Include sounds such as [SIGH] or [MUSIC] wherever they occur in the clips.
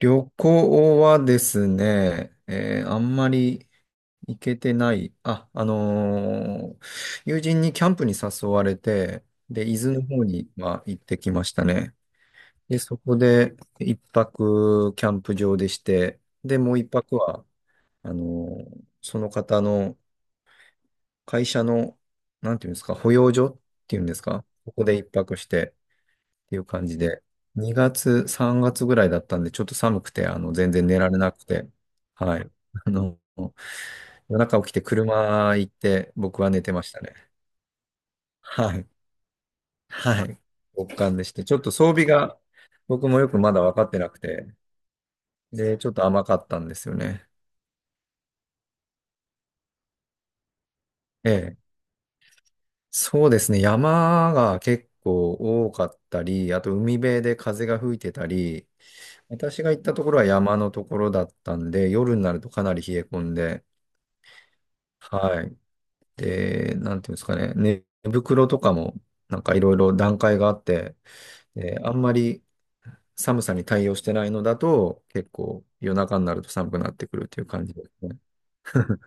旅行はですね、あんまり行けてない。友人にキャンプに誘われて、で、伊豆の方には行ってきましたね。で、そこで一泊キャンプ場でして、で、もう一泊は、あのその方の会社の、なんていうんですか、保養所っていうんですか、ここで一泊して、っていう感じで、2月、3月ぐらいだったんで、ちょっと寒くて、全然寝られなくて、はい。あの、夜中起きて車行って、僕は寝てましたね。はい。はい。極寒でして、ちょっと装備が、僕もよくまだ分かってなくて、で、ちょっと甘かったんですよね。ええ。そうですね。山が結構多かったり、あと海辺で風が吹いてたり、私が行ったところは山のところだったんで、夜になるとかなり冷え込んで、はい。で、なんていうんですかね、寝袋とかもなんかいろいろ段階があって、で、あんまり寒さに対応してないのだと、結構夜中になると寒くなってくるっていう感じですね。[LAUGHS]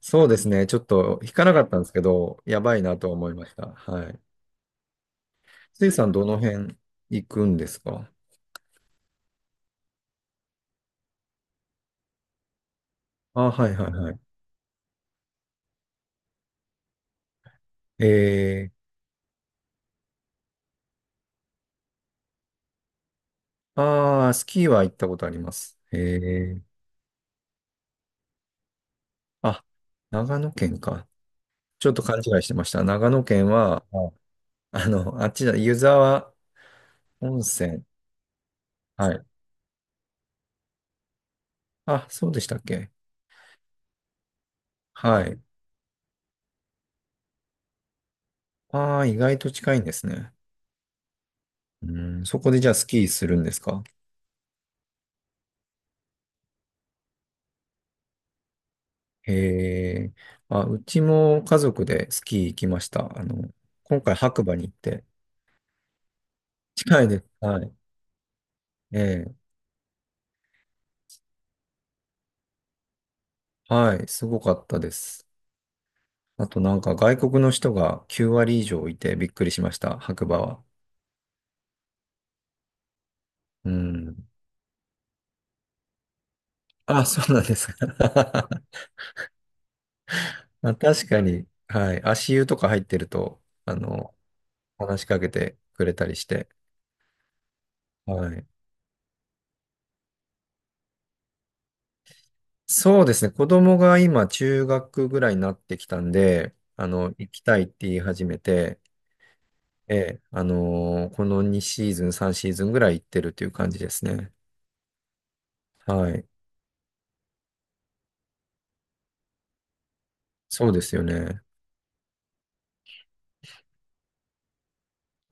そうですね、ちょっと引かなかったんですけど、やばいなとは思いました。はい。ついさん、どの辺行くんですか？あ、はいはいはい。えああ、スキーは行ったことあります。あ、長野県か。ちょっと勘違いしてました。長野県は、あっちだ、湯沢温泉。はい。あ、そうでしたっけ？はい。ああ、意外と近いんですね。うん、そこでじゃあスキーするんですか？へえ。あ、うちも家族でスキー行きました。今回白馬に行って。近いです。はい。ええ。はい。すごかったです。あとなんか外国の人が9割以上いてびっくりしました。白馬は。うん。あ、そうなんですか。[LAUGHS] まあ、確かに、はい。足湯とか入ってると、話しかけてくれたりして。はい。そうですね。子供が今、中学ぐらいになってきたんで、行きたいって言い始めて、ええ、この2シーズン、3シーズンぐらい行ってるっていう感じですね。はい。そうですよね。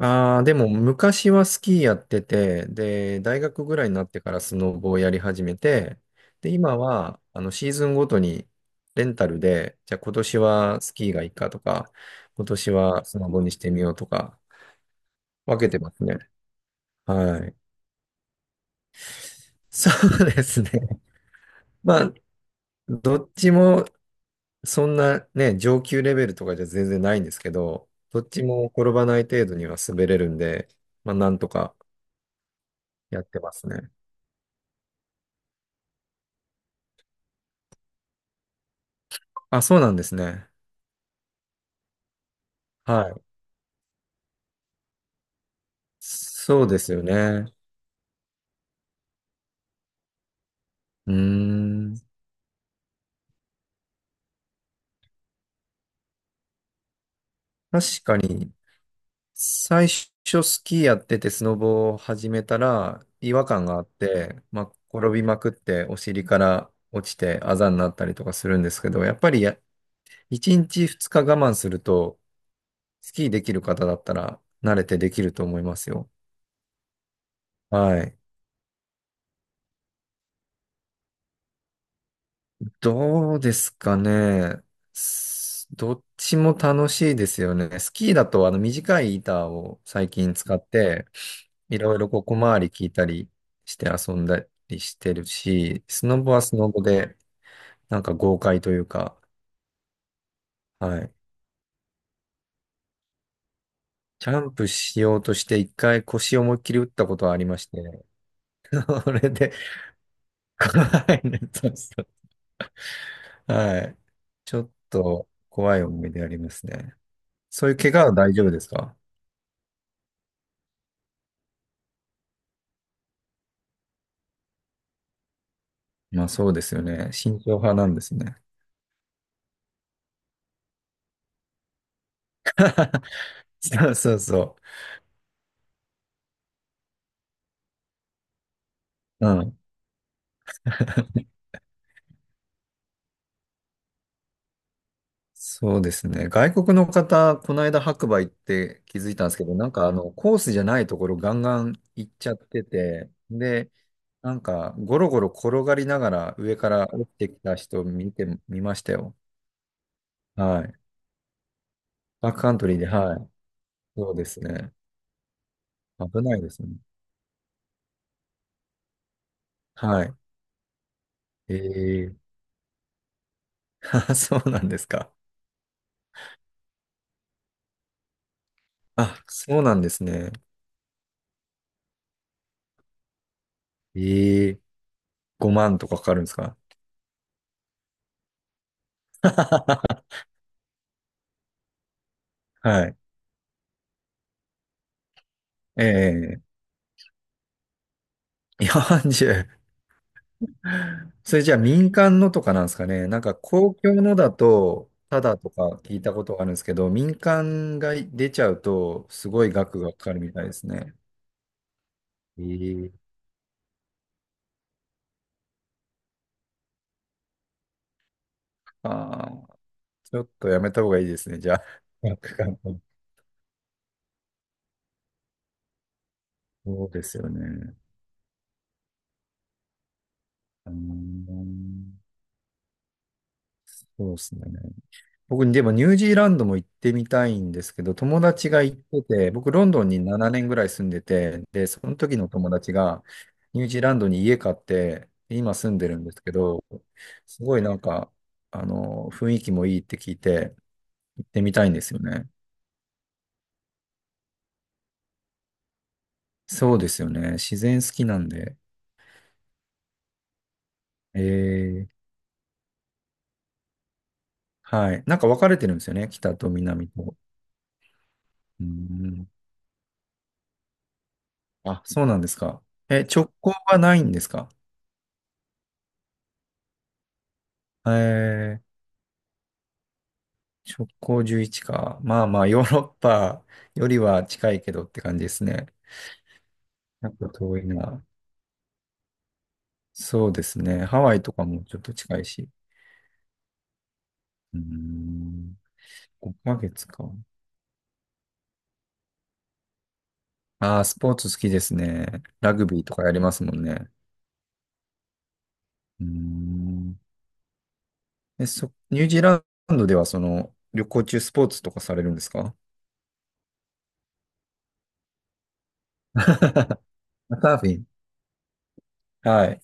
ああ、でも昔はスキーやってて、で、大学ぐらいになってからスノボをやり始めて、で、今は、シーズンごとにレンタルで、じゃあ今年はスキーがいいかとか、今年はスノボにしてみようとか、分けてますね。はい。[LAUGHS] そうですね。まあ、どっちもそんなね、上級レベルとかじゃ全然ないんですけど、どっちも転ばない程度には滑れるんで、まあ、なんとかやってますね。あ、そうなんですね。はい。そうですよね。うーん。確かに、最初スキーやっててスノボを始めたら違和感があって、まあ、転びまくってお尻から落ちてあざになったりとかするんですけど、やっぱり1日2日我慢すると、スキーできる方だったら慣れてできると思いますよ。はい。どうですかね。どっちも楽しいですよね。スキーだとあの短い板を最近使って、いろいろこう小回り効いたりして遊んだりしてるし、スノボはスノボでなんか豪快というか、はい。ジャンプしようとして一回腰を思いっきり打ったことはありまして、[LAUGHS] それで、はい、ね、そうそう、はい。ちょっと怖い思い出ありますね。そういう怪我は大丈夫ですか？まあそうですよね。慎重派なんですね。[LAUGHS] そうそうそう。うん。そうですね。外国の方、この間白馬行って気づいたんですけど、なんかコースじゃないところガンガン行っちゃってて、で、なんかゴロゴロ転がりながら上から落ちてきた人見ましたよ。はい。バックカントリーで、はい。そうですね。危ないですね。はい。え[LAUGHS] そうなんですか。あ、そうなんですね。えー、5万とかかかるんですか？ [LAUGHS] はい。ええ、4。それじゃあ民間のとかなんですかね。なんか公共のだと、ただとか聞いたことがあるんですけど、民間が出ちゃうと、すごい額がかかるみたいですね。ええ、ああ、ちょっとやめた方がいいですね。じゃあ、[LAUGHS] 額が。そうですよね。うーん、そうですね。僕、でもニュージーランドも行ってみたいんですけど、友達が行ってて、僕、ロンドンに7年ぐらい住んでて、で、その時の友達が、ニュージーランドに家買って、今住んでるんですけど、すごいなんか、雰囲気もいいって聞いて、行ってみたいんですよね。そうですよね。自然好きなんで。えー、はい。なんか分かれてるんですよね。北と南と。うん。あ、そうなんですか。え、直行はないんですか？え、直行11か。まあまあ、ヨーロッパよりは近いけどって感じですね。なんか遠いな。そうですね。ハワイとかもちょっと近いし。うーん。5ヶ月か。ああ、スポーツ好きですね。ラグビーとかやりますもんね。うーん。え、ニュージーランドではその、旅行中スポーツとかされるんですか？ [LAUGHS] サーフィン、はい。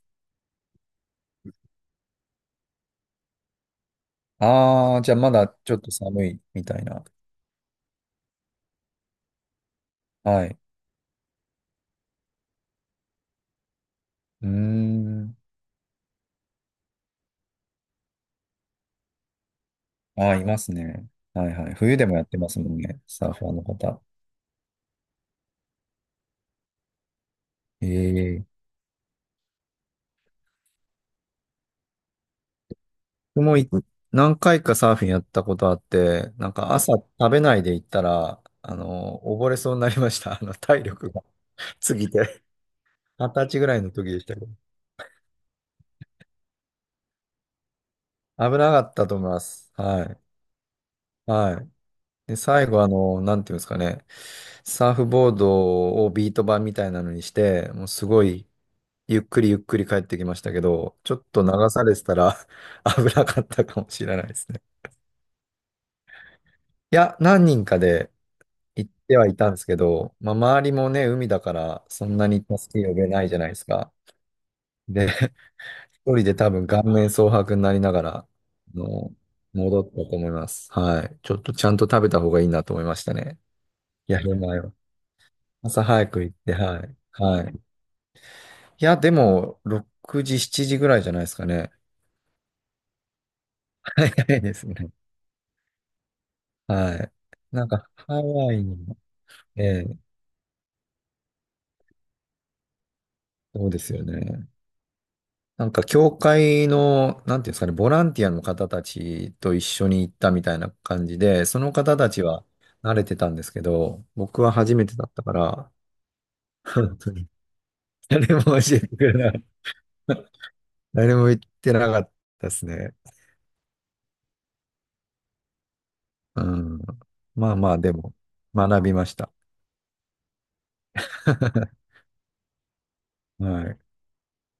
ああ、じゃあまだちょっと寒いみたいな。はい。うーん。ああ、いますね。はいはい。冬でもやってますもんね。サーファーの方。ええ、僕も何回かサーフィンやったことあって、なんか朝食べないで行ったら、溺れそうになりました。体力が [LAUGHS] 過ぎて。[LAUGHS] 二十歳ぐらいの時でしたけど。危なかったと思います。はい。はい。で、最後、なんていうんですかね。サーフボードをビート板みたいなのにして、もうすごいゆっくりゆっくり帰ってきましたけど、ちょっと流されてたら [LAUGHS] 危なかったかもしれないですね。いや、何人かで行ってはいたんですけど、まあ、周りもね、海だからそんなに助け呼べないじゃないですか。で、[LAUGHS] 一人で多分顔面蒼白になりながら、の、戻ったと思います。はい。ちょっとちゃんと食べた方がいいなと思いましたね。やる前は。朝早く行って、はい。はい。いや、でも、6時、7時ぐらいじゃないですかね。[LAUGHS] 早いですね。はい。なんか、ハワイにも、ええ、そうですよね。なんか、教会の、なんていうんですかね、ボランティアの方たちと一緒に行ったみたいな感じで、その方たちは慣れてたんですけど、僕は初めてだったから、本当に [LAUGHS]、誰も教えてくれない。[LAUGHS] 誰も言ってなかったですね。うん。まあまあ、でも、学びました。[LAUGHS] はい。